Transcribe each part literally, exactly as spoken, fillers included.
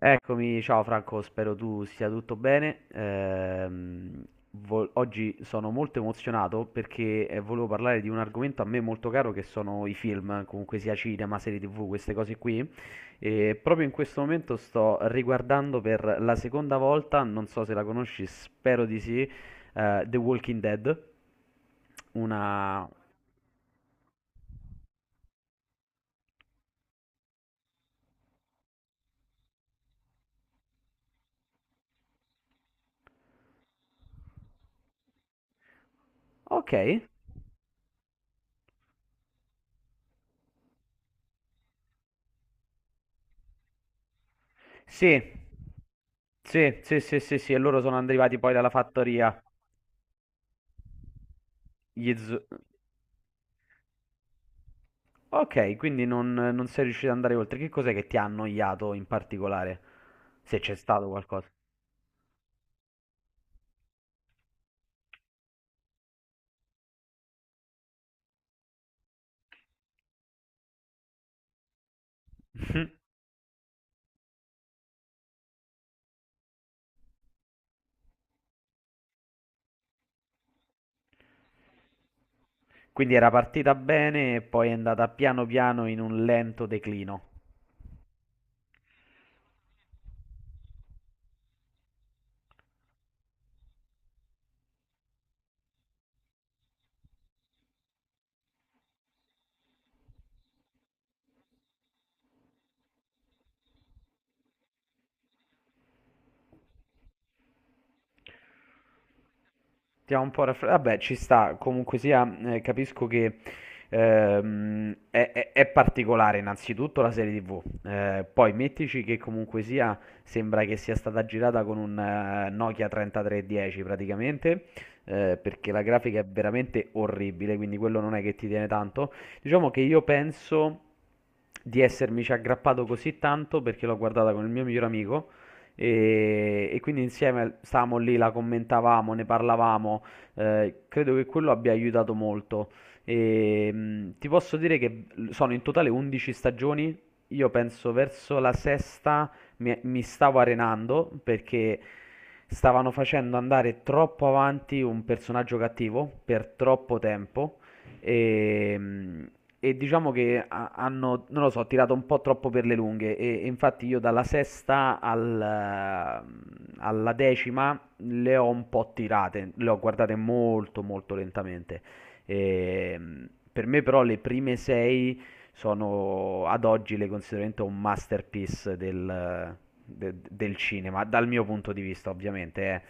Eccomi, ciao Franco, spero tu stia tutto bene. Ehm, vo- oggi sono molto emozionato perché eh, volevo parlare di un argomento a me molto caro che sono i film, comunque sia cinema, serie ti vu, queste cose qui. E proprio in questo momento sto riguardando per la seconda volta, non so se la conosci, spero di sì, eh, The Walking Dead. Una... Ok, sì. Sì, sì, sì, sì, sì, e loro sono arrivati poi dalla fattoria. Gli zo- Ok, quindi non, non sei riuscito ad andare oltre. Che cos'è che ti ha annoiato in particolare? Se c'è stato qualcosa. Quindi era partita bene e poi è andata piano piano in un lento declino. Ti ha un po' raffreddato. Vabbè, ci sta, comunque sia, eh, capisco che ehm, è, è- è particolare innanzitutto la serie ti vu. Eh, poi mettici che comunque sia, sembra che sia stata girata con un eh, Nokia trentatré dieci praticamente, eh, perché la grafica è veramente orribile, quindi quello non è che ti tiene tanto. Diciamo che io penso di essermici aggrappato così tanto perché l'ho guardata con il mio miglior amico e, e quindi insieme stavamo lì, la commentavamo, ne parlavamo. Eh, credo che quello abbia aiutato molto. E, mh, ti posso dire che sono in totale undici stagioni. Io penso verso la sesta mi, mi stavo arenando perché stavano facendo andare troppo avanti un personaggio cattivo per troppo tempo. E e diciamo che ha- hanno, non lo so, tirato un po' troppo per le lunghe. E e infatti io dalla sesta al- alla decima le ho un po' tirate, le ho guardate molto molto lentamente. E per me però le prime sei sono ad oggi, le considero veramente un masterpiece del, de- del cinema, dal mio punto di vista ovviamente. Eh.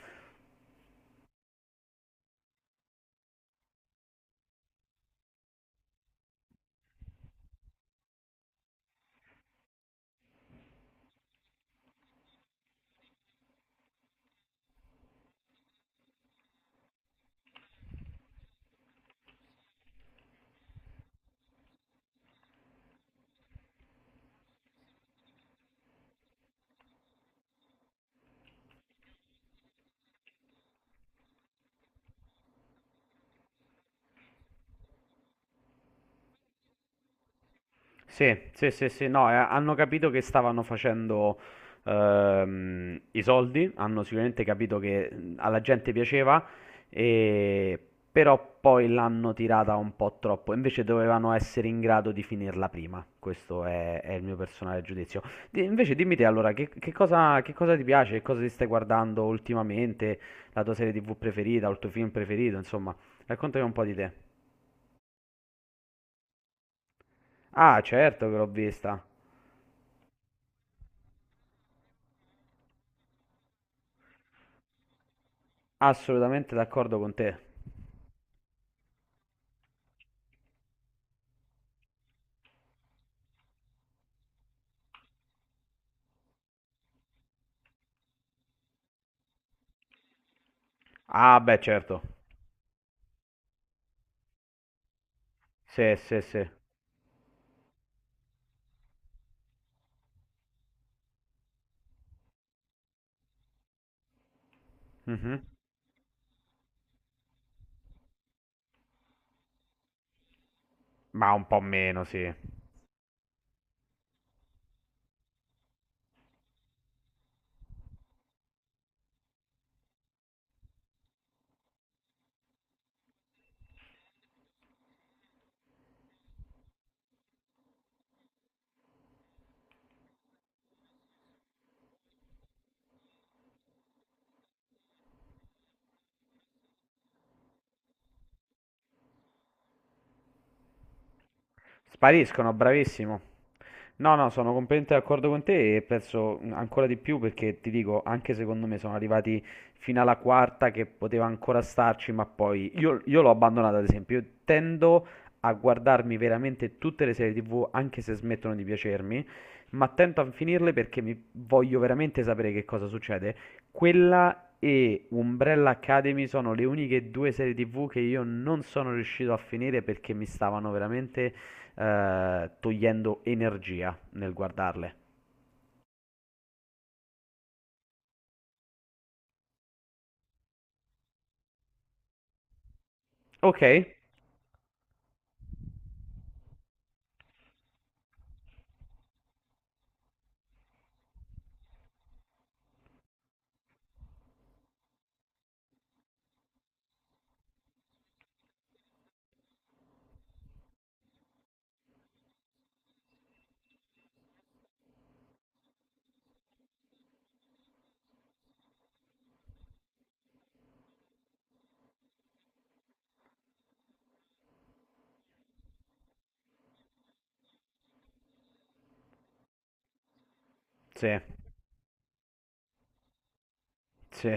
Sì, sì, sì, sì, no, eh, hanno capito che stavano facendo ehm, i soldi, hanno sicuramente capito che mh, alla gente piaceva, e- però poi l'hanno tirata un po' troppo, invece dovevano essere in grado di finirla prima, questo è, è il mio personale giudizio. Di- invece dimmi te allora, che, che cosa, che cosa ti piace, che cosa ti stai guardando ultimamente, la tua serie ti vu preferita, o il tuo film preferito, insomma, raccontami un po' di te. Ah, certo che l'ho vista. Assolutamente d'accordo con te. Ah, beh, certo. Sì, sì, sì. Mhm. Ma un po' meno, sì. Spariscono, bravissimo. No, no, sono completamente d'accordo con te e penso mh, ancora di più perché ti dico, anche secondo me sono arrivati fino alla quarta che poteva ancora starci, ma poi io, io l'ho abbandonata ad esempio. Io tendo a guardarmi veramente tutte le serie ti vu, anche se smettono di piacermi, ma tento a finirle perché mi voglio veramente sapere che cosa succede. Quella e Umbrella Academy sono le uniche due serie ti vu che io non sono riuscito a finire perché mi stavano veramente eh, togliendo energia nel guardarle. Ok? Sì, sì,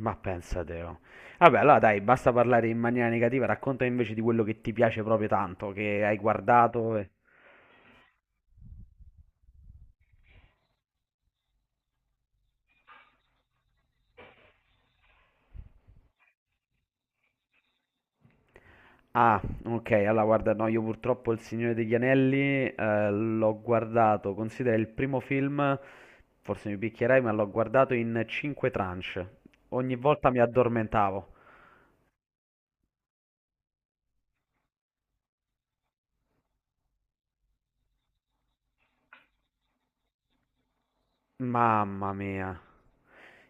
ma pensa te. Oh. Vabbè, allora dai, basta parlare in maniera negativa, racconta invece di quello che ti piace proprio tanto, che hai guardato. e- Ah, ok, allora guarda, no, io purtroppo Il Signore degli Anelli eh, l'ho guardato, considera il primo film, forse mi picchierai, ma l'ho guardato in cinque tranche. Ogni volta mi addormentavo. Mamma mia.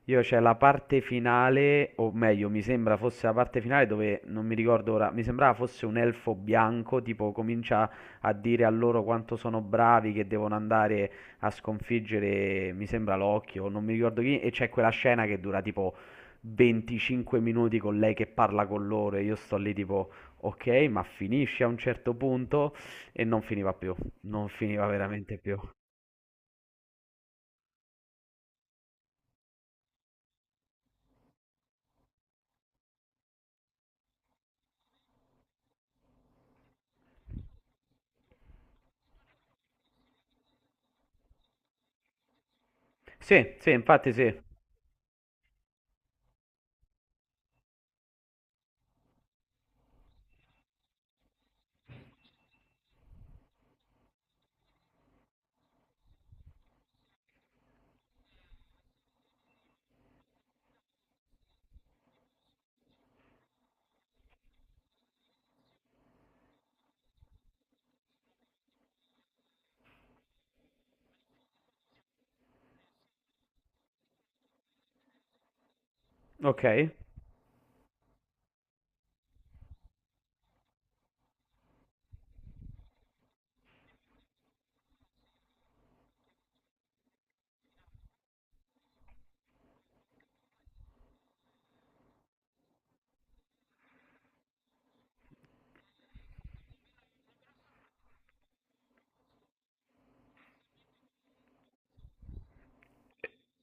Io c'è la parte finale, o meglio, mi sembra fosse la parte finale dove non mi ricordo ora, mi sembrava fosse un elfo bianco, tipo comincia a dire a loro quanto sono bravi, che devono andare a sconfiggere, mi sembra l'occhio, non mi ricordo chi, e c'è quella scena che dura tipo venticinque minuti con lei che parla con loro e io sto lì tipo, ok, ma finisce a un certo punto e non finiva più, non finiva veramente più. Sì, sì, infatti sì. Ok.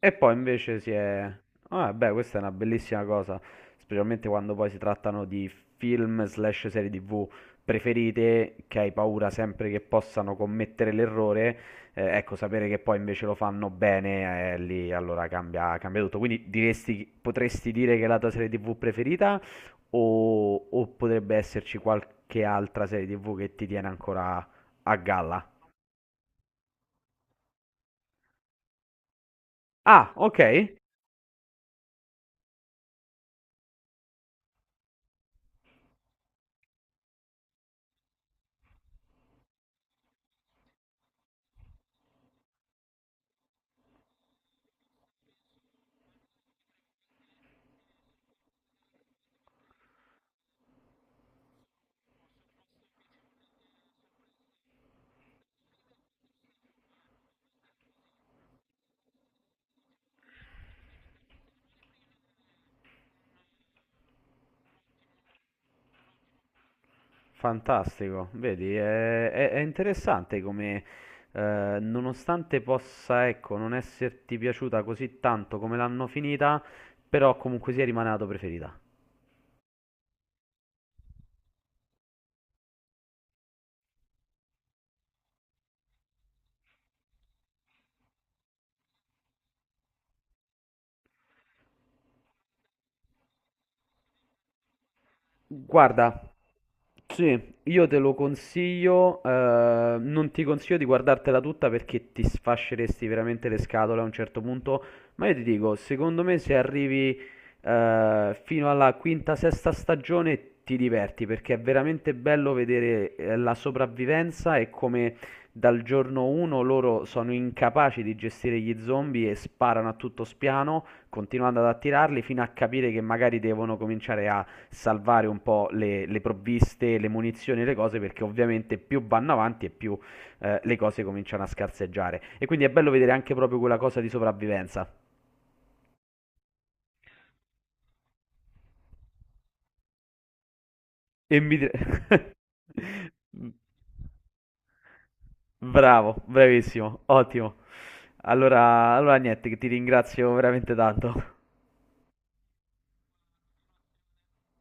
E poi invece si è... Ah, beh, questa è una bellissima cosa, specialmente quando poi si trattano di film slash serie ti vu preferite che hai paura sempre che possano commettere l'errore. Eh, ecco, sapere che poi invece lo fanno bene, eh, lì allora cambia, cambia tutto. Quindi diresti, potresti dire che è la tua serie ti vu preferita o, o potrebbe esserci qualche altra serie ti vu che ti tiene ancora a galla? Ah, ok. Fantastico, vedi, è, è- è interessante come, eh, nonostante possa, ecco, non esserti piaciuta così tanto come l'hanno finita, però comunque sia rimane la tua preferita. Guarda, sì, io te lo consiglio, eh, non ti consiglio di guardartela tutta perché ti sfasceresti veramente le scatole a un certo punto, ma io ti dico, secondo me se arrivi eh, fino alla quinta, sesta stagione ti diverti perché è veramente bello vedere eh, la sopravvivenza e come dal giorno uno loro sono incapaci di gestire gli zombie e sparano a tutto spiano, continuando ad attirarli fino a capire che magari devono cominciare a salvare un po' le, le provviste, le munizioni, le cose, perché ovviamente più vanno avanti e più eh, le cose cominciano a scarseggiare. E quindi è bello vedere anche proprio quella cosa di sopravvivenza. E mi... dire- Bravo, bravissimo, ottimo. Allora, allora niente, che ti ringrazio veramente tanto.